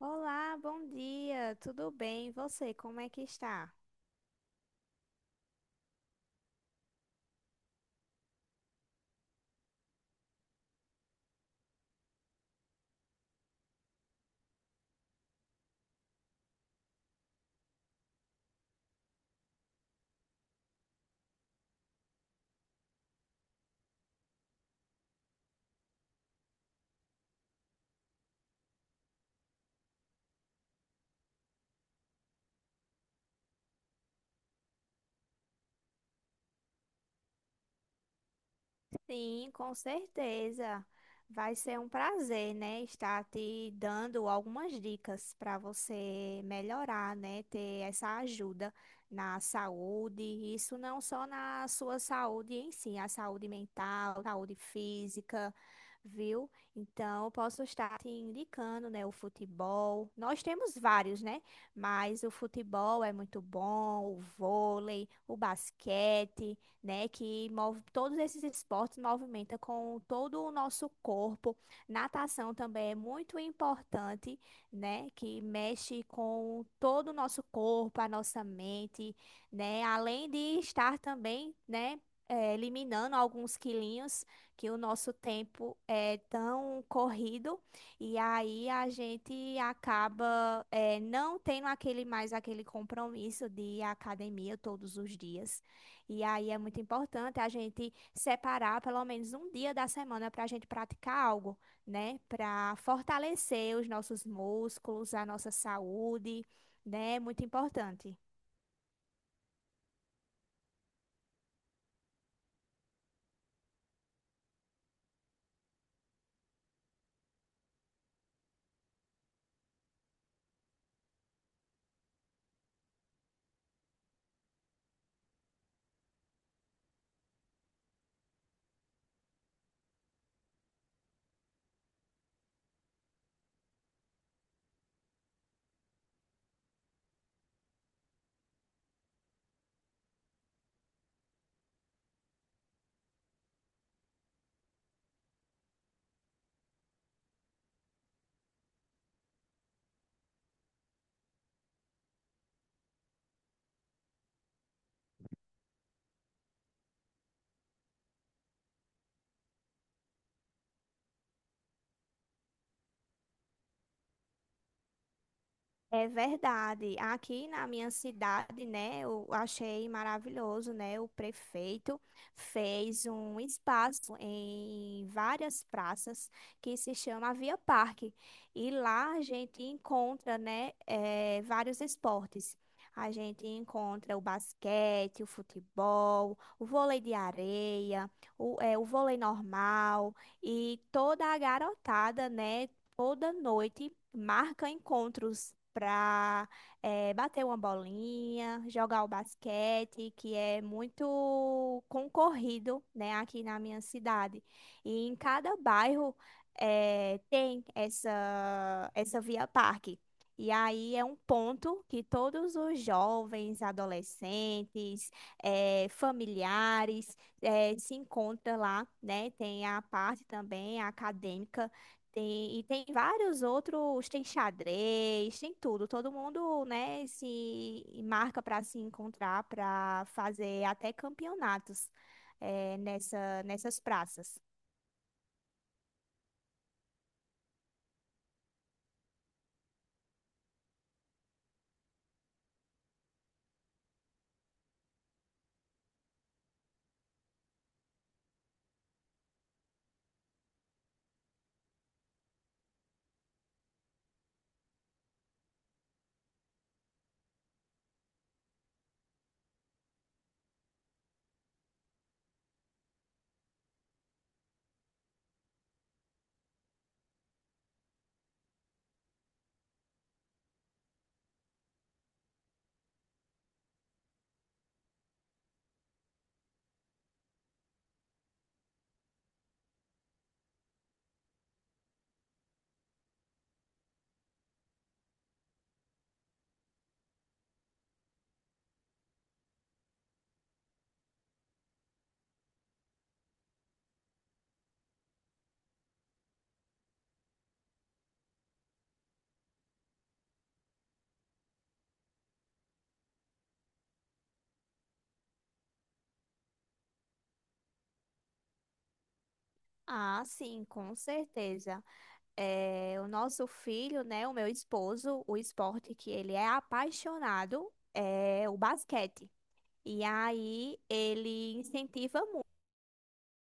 Olá, bom dia, tudo bem? E você, como é que está? Sim, com certeza. Vai ser um prazer, né, estar te dando algumas dicas para você melhorar, né, ter essa ajuda na saúde, isso não só na sua saúde em si, a saúde mental, saúde física, viu? Então, eu posso estar te indicando, né, o futebol. Nós temos vários, né? Mas o futebol é muito bom, o vôlei, o basquete, né? Que move todos esses esportes, movimenta com todo o nosso corpo. Natação também é muito importante, né? Que mexe com todo o nosso corpo, a nossa mente, né? Além de estar também, né, eliminando alguns quilinhos, que o nosso tempo é tão corrido e aí a gente acaba, não tendo aquele mais aquele compromisso de ir à academia todos os dias. E aí é muito importante a gente separar pelo menos um dia da semana para a gente praticar algo, né? Para fortalecer os nossos músculos, a nossa saúde, né? É muito importante. É verdade. Aqui na minha cidade, né, eu achei maravilhoso, né? O prefeito fez um espaço em várias praças que se chama Via Parque. E lá a gente encontra, né, vários esportes. A gente encontra o basquete, o futebol, o vôlei de areia, o, o vôlei normal, e toda a garotada, né? Toda noite marca encontros para bater uma bolinha, jogar o basquete, que é muito concorrido, né, aqui na minha cidade. E em cada bairro tem essa via parque. E aí é um ponto que todos os jovens, adolescentes, familiares, se encontram lá, né? Tem a parte também acadêmica, tem, e tem vários outros, tem xadrez, tem tudo. Todo mundo, né, se marca para se encontrar, para fazer até campeonatos nessas praças. Ah, sim, com certeza. O nosso filho, né, o meu esposo, o esporte que ele é apaixonado é o basquete. E aí ele incentiva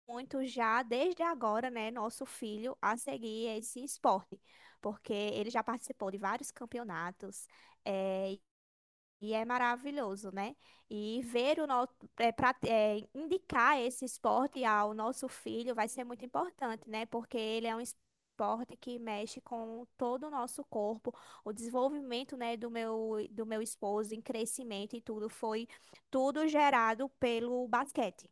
muito já desde agora, né, nosso filho a seguir esse esporte, porque ele já participou de vários campeonatos, eh, e é maravilhoso, né? E ver o nosso, indicar esse esporte ao nosso filho vai ser muito importante, né? Porque ele é um esporte que mexe com todo o nosso corpo, o desenvolvimento, né, do meu esposo em crescimento e tudo foi tudo gerado pelo basquete.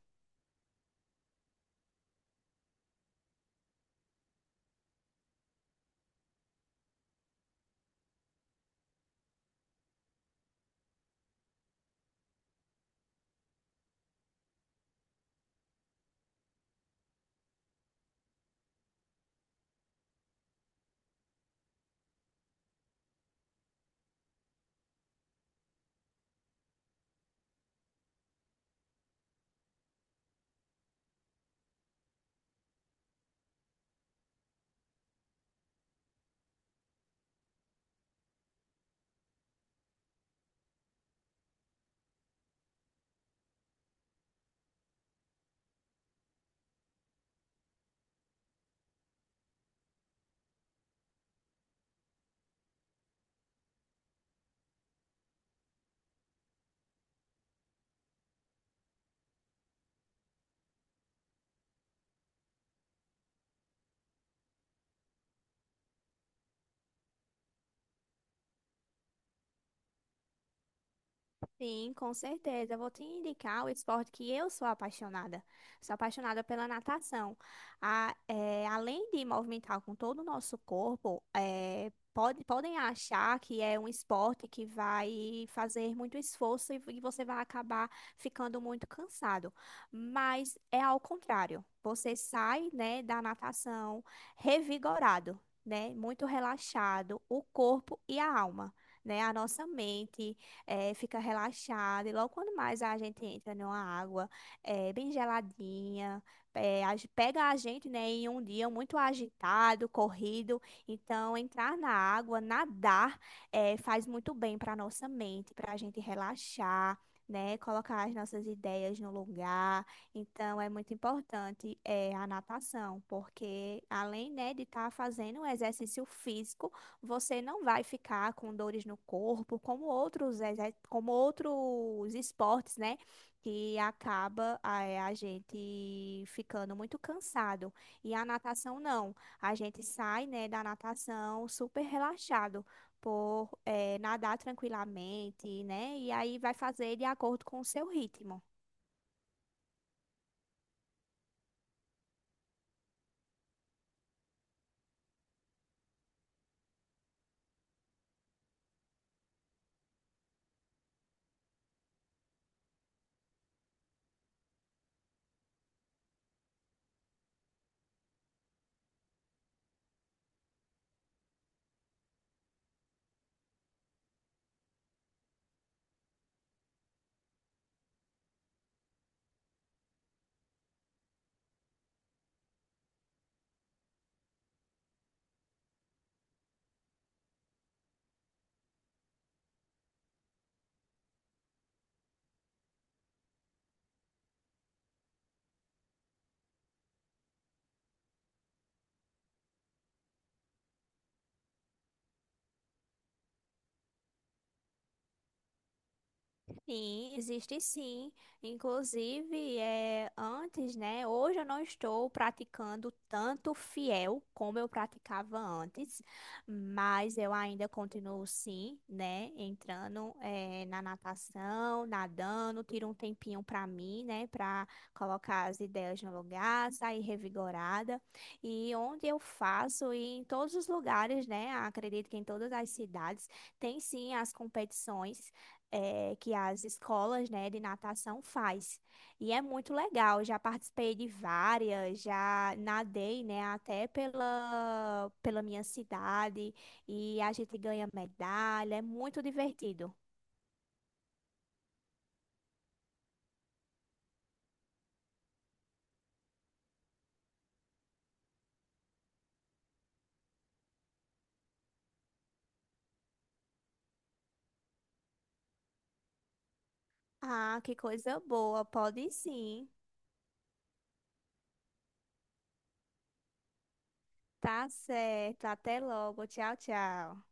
Sim, com certeza. Eu vou te indicar o esporte que eu sou apaixonada. Sou apaixonada pela natação. A- é, além de movimentar com todo o nosso corpo, é, pode- podem achar que é um esporte que vai fazer muito esforço e você vai acabar ficando muito cansado. Mas é ao contrário. Você sai, né, da natação revigorado, né, muito relaxado, o corpo e a alma, né, a nossa mente fica relaxada. E logo quando mais a gente entra numa água bem geladinha, a ge- pega a gente, né, em um dia muito agitado, corrido. Então, entrar na água, nadar, faz muito bem para nossa mente, para a gente relaxar. Né, colocar as nossas ideias no lugar. Então, é muito importante é a natação, porque além, né, de estar fazendo um exercício físico, você não vai ficar com dores no corpo, como outros, exer- como outros esportes, né? Que acaba, a gente ficando muito cansado. E a natação não. A gente sai, né, da natação super relaxado por, nadar tranquilamente, né? E aí vai fazer de acordo com o seu ritmo. Sim, existe sim. Inclusive, é, antes, né? Hoje eu não estou praticando tanto fiel como eu praticava antes, mas eu ainda continuo sim, né? Entrando, é, na natação, nadando, tiro um tempinho para mim, né? Para colocar as ideias no lugar, sair revigorada. E onde eu faço, e em todos os lugares, né? Acredito que em todas as cidades, tem sim as competições que as escolas, né, de natação faz. E é muito legal. Já participei de várias, já nadei, né, até pela, pela minha cidade, e a gente ganha medalha. É muito divertido. Ah, que coisa boa. Pode sim. Tá certo. Até logo. Tchau, tchau.